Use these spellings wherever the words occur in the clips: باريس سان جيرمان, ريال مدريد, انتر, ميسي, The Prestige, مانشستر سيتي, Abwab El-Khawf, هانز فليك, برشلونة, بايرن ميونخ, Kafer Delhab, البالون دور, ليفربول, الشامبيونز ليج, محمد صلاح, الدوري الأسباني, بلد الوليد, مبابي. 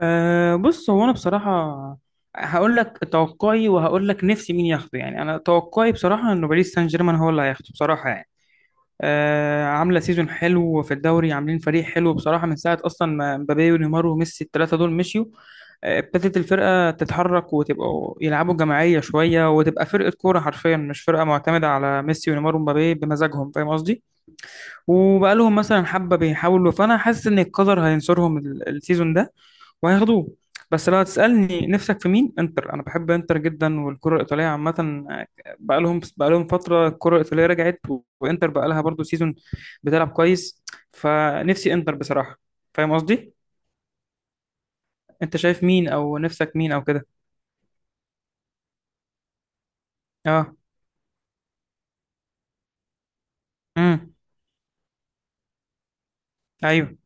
أه، بص، هو انا بصراحه هقول لك توقعي، وهقول لك نفسي مين ياخده. يعني انا توقعي بصراحه انه باريس سان جيرمان هو اللي هياخده بصراحه يعني. أه، عامله سيزون حلو في الدوري، عاملين فريق حلو بصراحه من ساعه اصلا ما مبابي ونيمار وميسي الثلاثه دول مشيوا. ابتدت الفرقه تتحرك وتبقوا يلعبوا جماعيه شويه، وتبقى فرقه كوره حرفيا، مش فرقه معتمده على ميسي ونيمار ومبابي بمزاجهم، فاهم قصدي. وبقالهم مثلا حبة بيحاولوا، فأنا حاسس إن القدر هينصرهم السيزون ده وهياخدوه. بس لو هتسألني نفسك في مين، انتر. أنا بحب انتر جدا والكرة الإيطالية عامة. بقالهم فترة الكرة الإيطالية رجعت، وانتر بقالها برضو سيزون بتلعب كويس، فنفسي انتر بصراحة. فاهم قصدي؟ أنت شايف مين أو نفسك مين أو كده؟ أه. أمم. أيوه.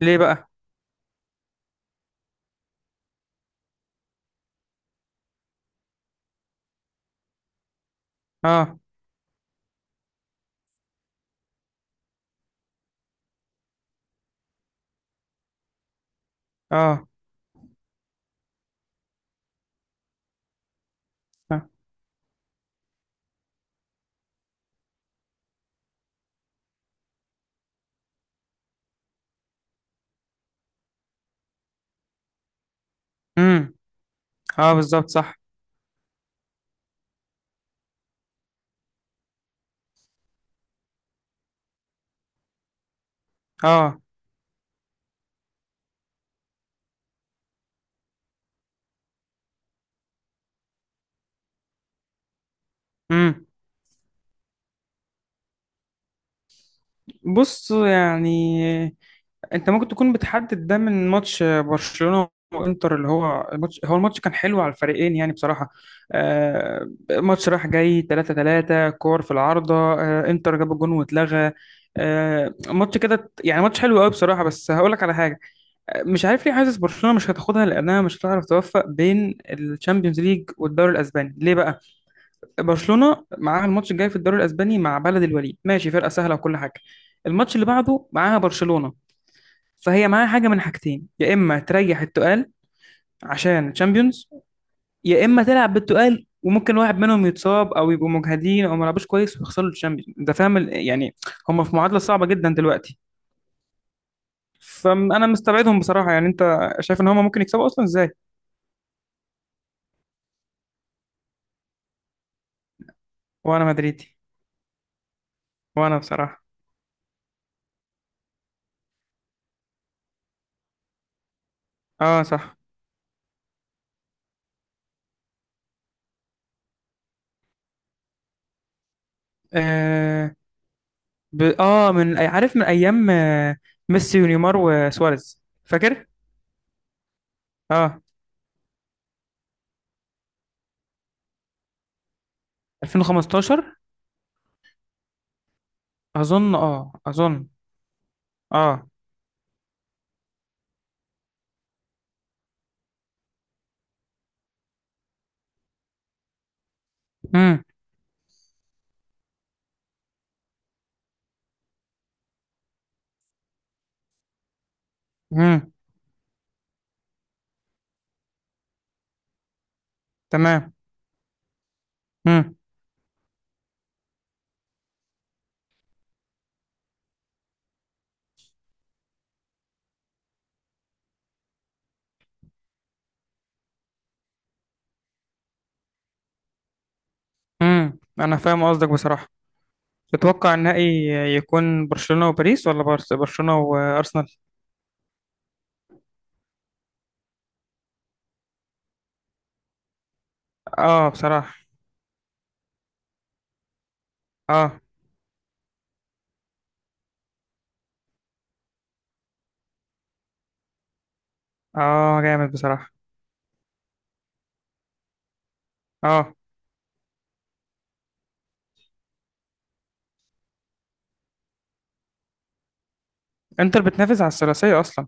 ليه بقى؟ أه. أه. امم. أه. أمم. أه بالظبط، صح. أه. أمم. بص يعني، انت ممكن تكون بتحدد ده من ماتش برشلونة وانتر، اللي هو الماتش كان حلو على الفريقين يعني بصراحة. ماتش راح جاي، 3-3، كور في العارضة، انتر جاب الجون واتلغى. ماتش كده يعني، ماتش حلو قوي بصراحة، بس هقول لك على حاجة. مش عارف ليه حاسس برشلونة مش هتاخدها، لأنها مش هتعرف توفق بين الشامبيونز ليج والدوري الأسباني. ليه بقى؟ برشلونة معاها الماتش الجاي في الدوري الأسباني مع بلد الوليد، ماشي، فرقة سهلة وكل حاجة. الماتش اللي بعده معاها برشلونة. فهي معاها حاجه من حاجتين، يا اما تريح التقال عشان تشامبيونز، يا اما تلعب بالتقال وممكن واحد منهم يتصاب او يبقوا مجهدين او ما لعبوش كويس ويخسروا الشامبيونز. انت فاهم يعني. هم في معادله صعبه جدا دلوقتي. فانا مستبعدهم بصراحه. يعني انت شايف ان هم ممكن يكسبوا اصلا ازاي؟ وانا مدريدي. وانا بصراحه، اه، صح. اه, ب... آه من عارف، من ايام ميسي ونيمار وسواريز، فاكر. اه، 2015، اظن، اظن. اه. امم. تمام. امم. امم، انا فاهم قصدك بصراحه. تتوقع النهائي يكون برشلونه وباريس، ولا بارس برشلونه وارسنال؟ اه بصراحه. اه. اه جامد بصراحه. اه، انتر بتنافس على الثلاثيه اصلا.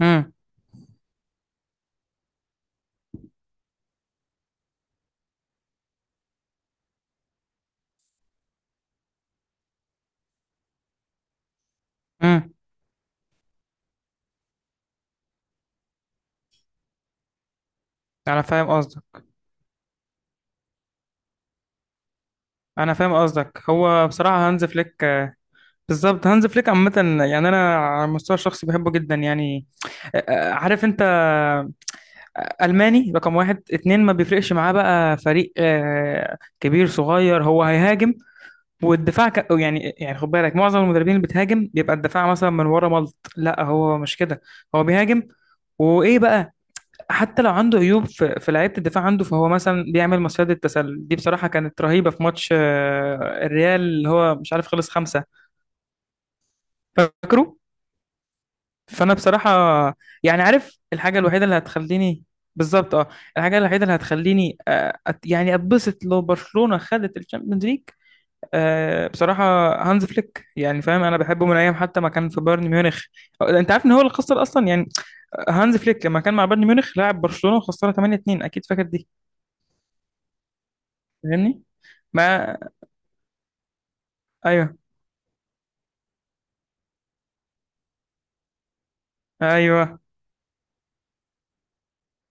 امم. امم، انا فاهم قصدك انا فاهم قصدك. هو بصراحه هانز فليك، بالظبط هانز فليك عامه، يعني انا على المستوى الشخصي بحبه جدا يعني. عارف انت، ألماني رقم واحد اتنين، ما بيفرقش معاه بقى فريق كبير صغير. هو هيهاجم، والدفاع يعني، يعني خد بالك، معظم المدربين اللي بتهاجم بيبقى الدفاع مثلا من ورا ملط. لا، هو مش كده. هو بيهاجم. وايه بقى، حتى لو عنده عيوب في، في لعيبه الدفاع عنده، فهو مثلا بيعمل مصيدة التسلل دي. بصراحه كانت رهيبه في ماتش الريال، اللي هو مش عارف خلص خمسه، فاكره. فانا بصراحه يعني، عارف الحاجه الوحيده اللي هتخليني، بالظبط، اه. الحاجه الوحيده اللي هتخليني يعني اتبسط، لو برشلونه خدت الشامبيونز ليج. أه بصراحة، هانز فليك يعني، فاهم، أنا بحبه من أيام حتى ما كان في بايرن ميونخ. أنت عارف إن هو اللي خسر أصلا يعني، هانز فليك لما كان مع بايرن ميونخ لعب برشلونة وخسرها 8-2. أكيد فاكر دي، فاهمني؟ ما، أيوه، أيوه.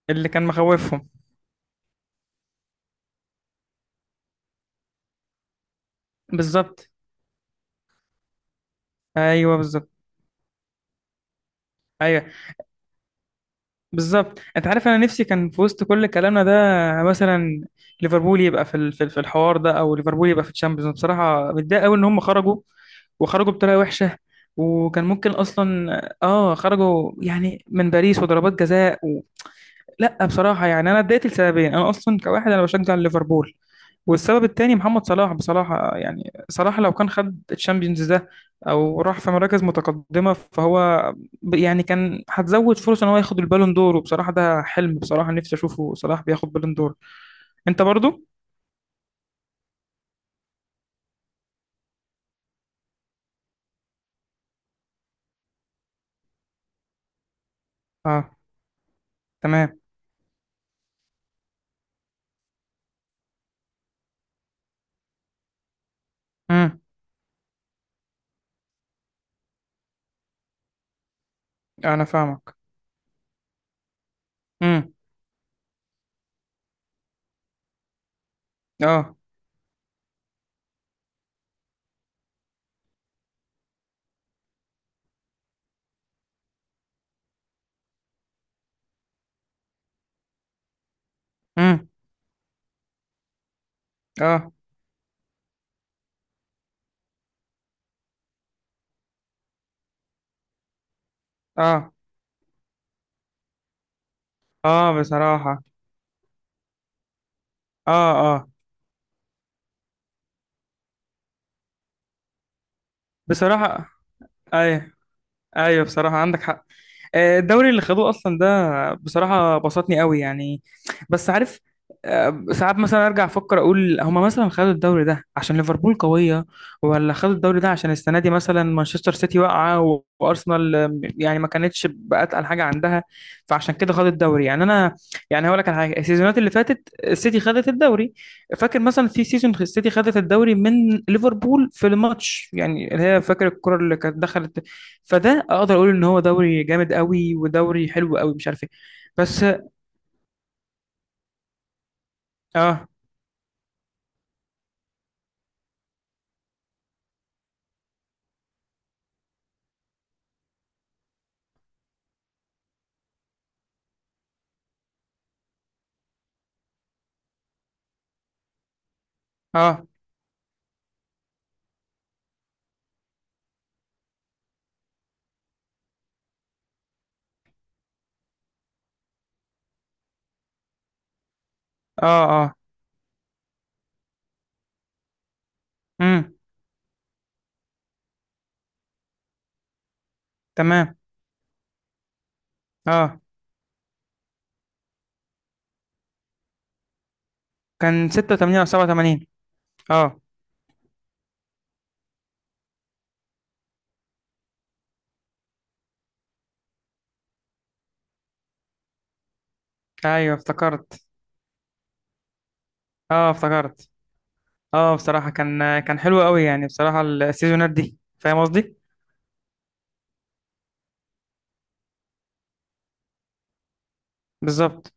اللي كان مخوفهم. بالظبط. أيوه بالظبط. أيوه بالظبط. انت عارف انا نفسي كان، في وسط كل كلامنا ده مثلا، ليفربول يبقى في في الحوار ده، او ليفربول يبقى في الشامبيونز. أنا بصراحه متضايق قوي ان هم خرجوا، وخرجوا بطريقه وحشه، وكان ممكن اصلا، اه، خرجوا يعني من باريس وضربات جزاء لا بصراحه يعني، انا اتضايقت لسببين. انا اصلا كواحد انا بشجع ليفربول، والسبب التاني محمد صلاح. بصراحة يعني صلاح، لو كان خد الشامبيونز ده أو راح في مراكز متقدمة، فهو يعني كان هتزود فرصة إن هو ياخد البالون دور. وبصراحة ده حلم، بصراحة نفسي أشوفه صلاح بياخد بالون دور. أنت برضو؟ أه. تمام. أمم، أنا فاهمك. أمم. أه. أمم. أه. أه. أه بصراحة. أه. أه بصراحة. أي، ايوه، بصراحة عندك حق. الدوري اللي خدوه اصلا ده، بصراحة بسطني قوي يعني. بس عارف، ساعات مثلا ارجع افكر، اقول هما مثلا خدوا الدوري ده عشان ليفربول قوية، ولا خدوا الدوري ده عشان السنة دي مثلا مانشستر سيتي واقعة، وارسنال يعني ما كانتش بأتقل حاجة عندها. فعشان كده خدوا الدوري يعني. انا يعني هقول لك على حاجة، السيزونات اللي فاتت السيتي خدت الدوري. فاكر مثلا في سيزون، السيتي خدت الدوري من ليفربول في الماتش، يعني اللي هي، فاكر الكرة اللي كانت دخلت. فده اقدر اقول ان هو دوري جامد قوي ودوري حلو قوي، مش عارف ايه. بس، اه، اه، اه، اه، امم، تمام. اه، كان 86 او 87. اه، ايوه افتكرت. اه افتكرت. اه بصراحة، كان حلو قوي يعني بصراحة السيزونات دي، فاهم قصدي. بالظبط